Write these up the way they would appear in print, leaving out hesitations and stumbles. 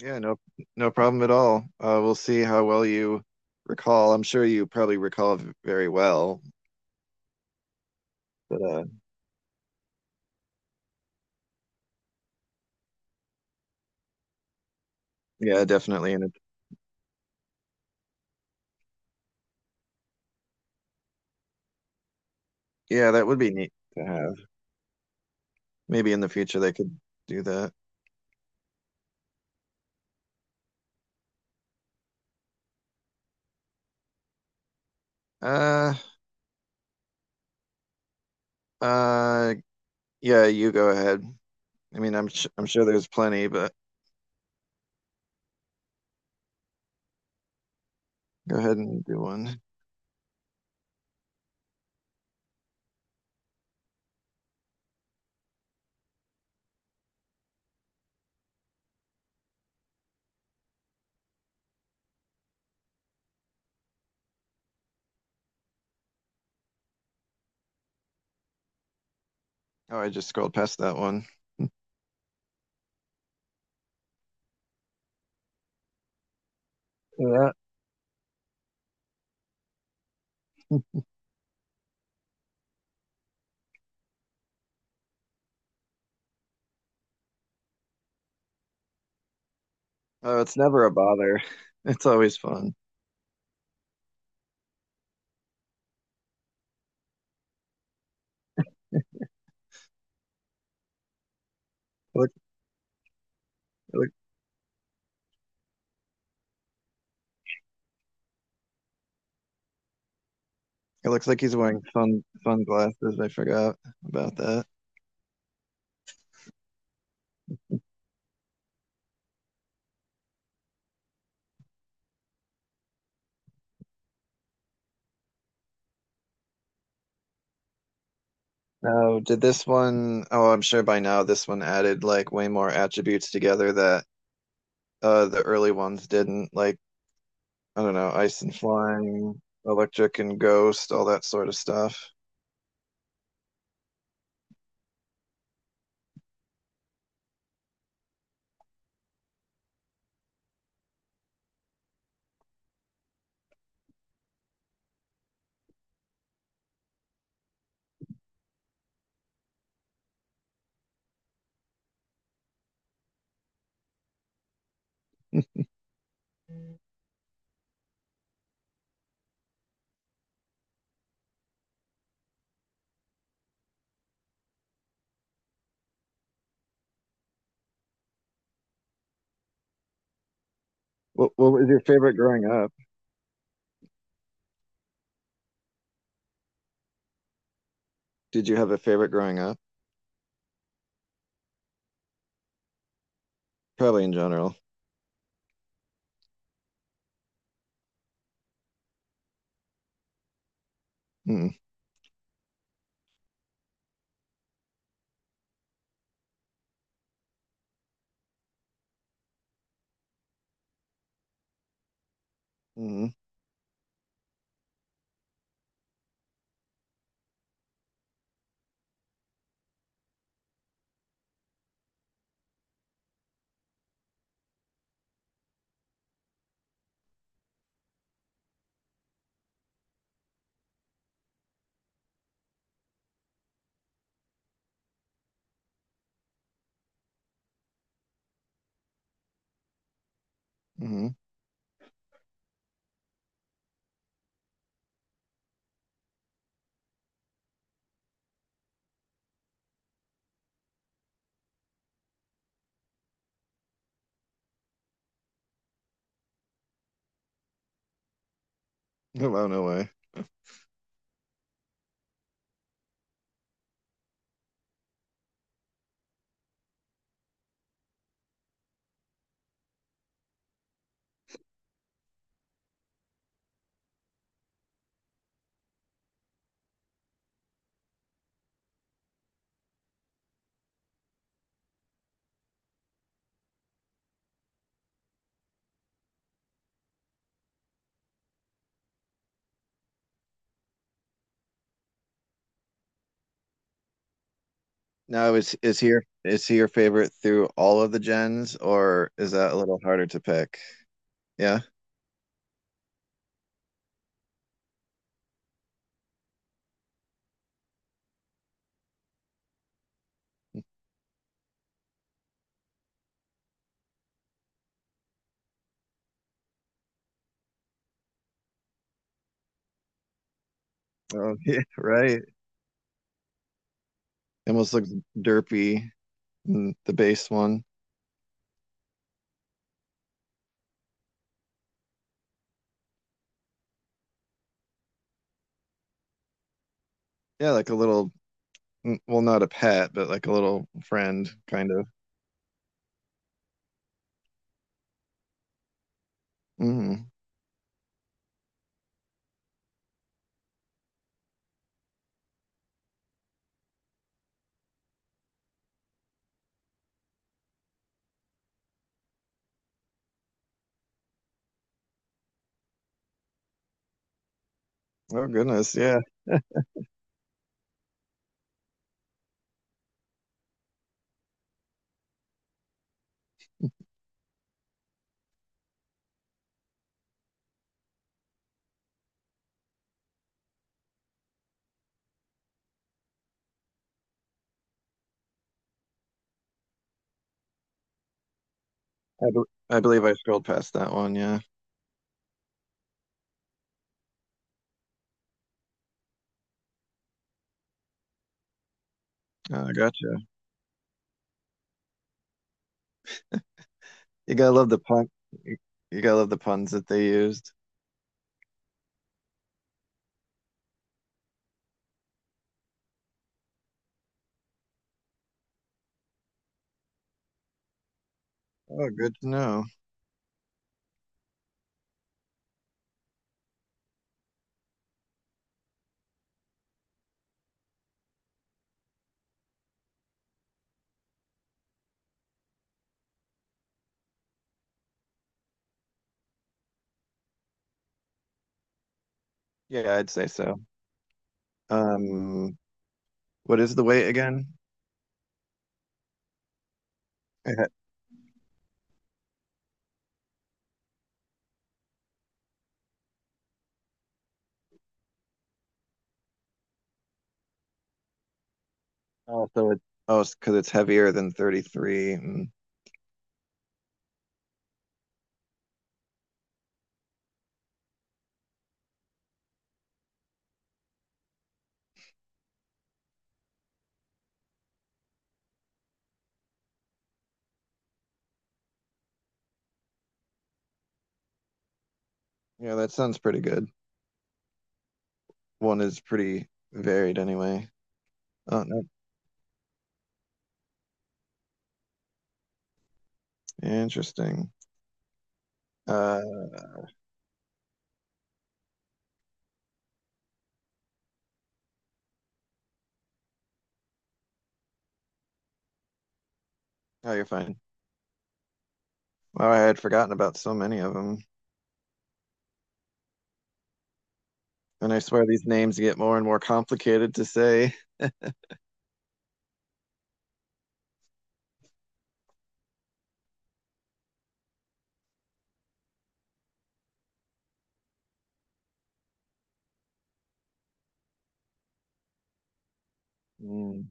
Yeah, no, no problem at all. We'll see how well you recall. I'm sure you probably recall very well, but yeah, definitely. And it, yeah, that would be neat to have. Maybe in the future they could do that. Uh, uh, yeah, you go ahead. I mean, I'm sure there's plenty, but go ahead and do one. Oh, I just scrolled past that one. Yeah. Oh, it's never a bother. It's always fun. Look, look, it looks like he's wearing sunglasses. I forgot about that. No, did this one oh I'm sure by now this one added like way more attributes together that the early ones didn't. Like, I don't know, ice and flying, electric and ghost, all that sort of stuff. What was your favorite growing up? Did you have a favorite growing up? Probably in general. Hmm. Hmm. Hmm. Oh, wow, no way. Now is he your is he your favorite through all of the gens or is that a little harder to pick? Yeah. Oh, yeah, right. It almost looks derpy in the base one. Yeah, like a little, mm, well, not a pet, but like a little friend, kind of. Hmm. Oh goodness, yeah. I, be- I believe I scrolled past that one. Yeah, I gotcha. You gotta love the pun. You, you gotta love the puns that they used. Oh, good to know. Yeah, I'd say so. Um, what is the weight again? I ha- Oh, oh, it's because it's heavier than 33. Mm. Yeah, that sounds pretty good. One is pretty varied anyway. Oh, no. Interesting. Uh, oh, you're fine. Wow, I had forgotten about so many of them. And I swear these names get more and more complicated to say. Mm.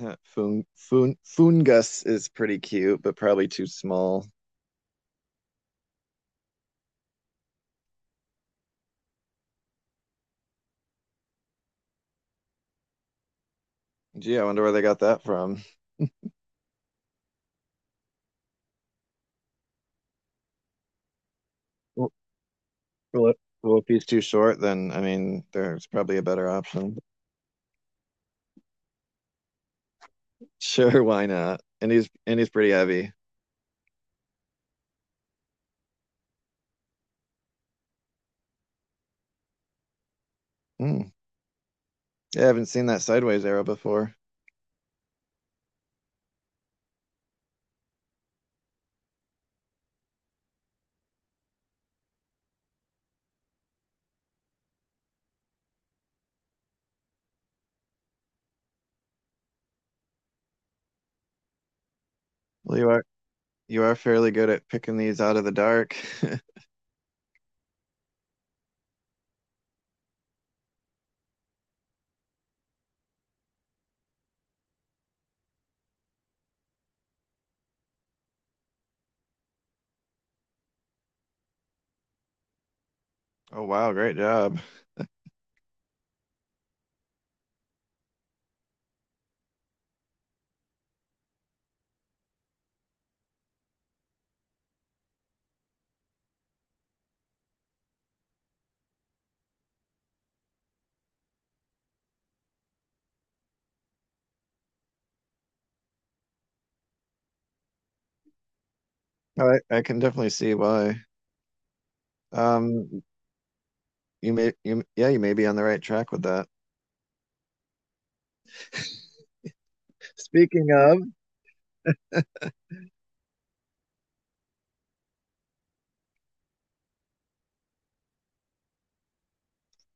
Fun fungus is pretty cute, but probably too small. Gee, I wonder where they got that from. Well, well, if- well, if he's too short, then I mean, there's probably a better option. Sure, why not? And he's pretty heavy. Mm. Yeah, I haven't seen that sideways arrow before. Well, you are fairly good at picking these out of the dark. Oh wow, great job. I can definitely see why. Um, You may you yeah, you may be on the right track with that. Speaking of,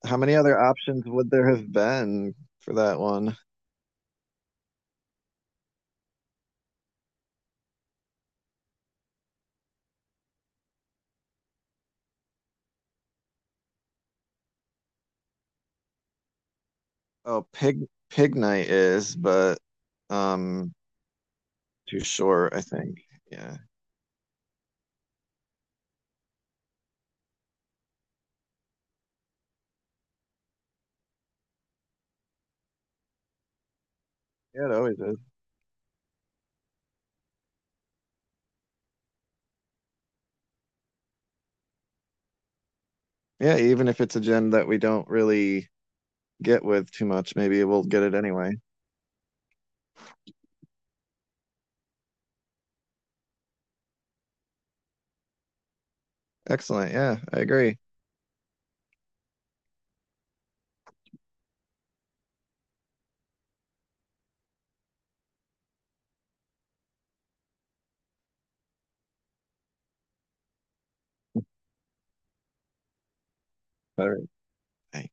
how many other options would there have been for that one? Oh, Pig Night is, but um too short, I think. Yeah. Yeah, it always is. Yeah, even if it's a gen that we don't really get with too much, maybe we'll get it anyway. Excellent. Yeah, I agree. All right.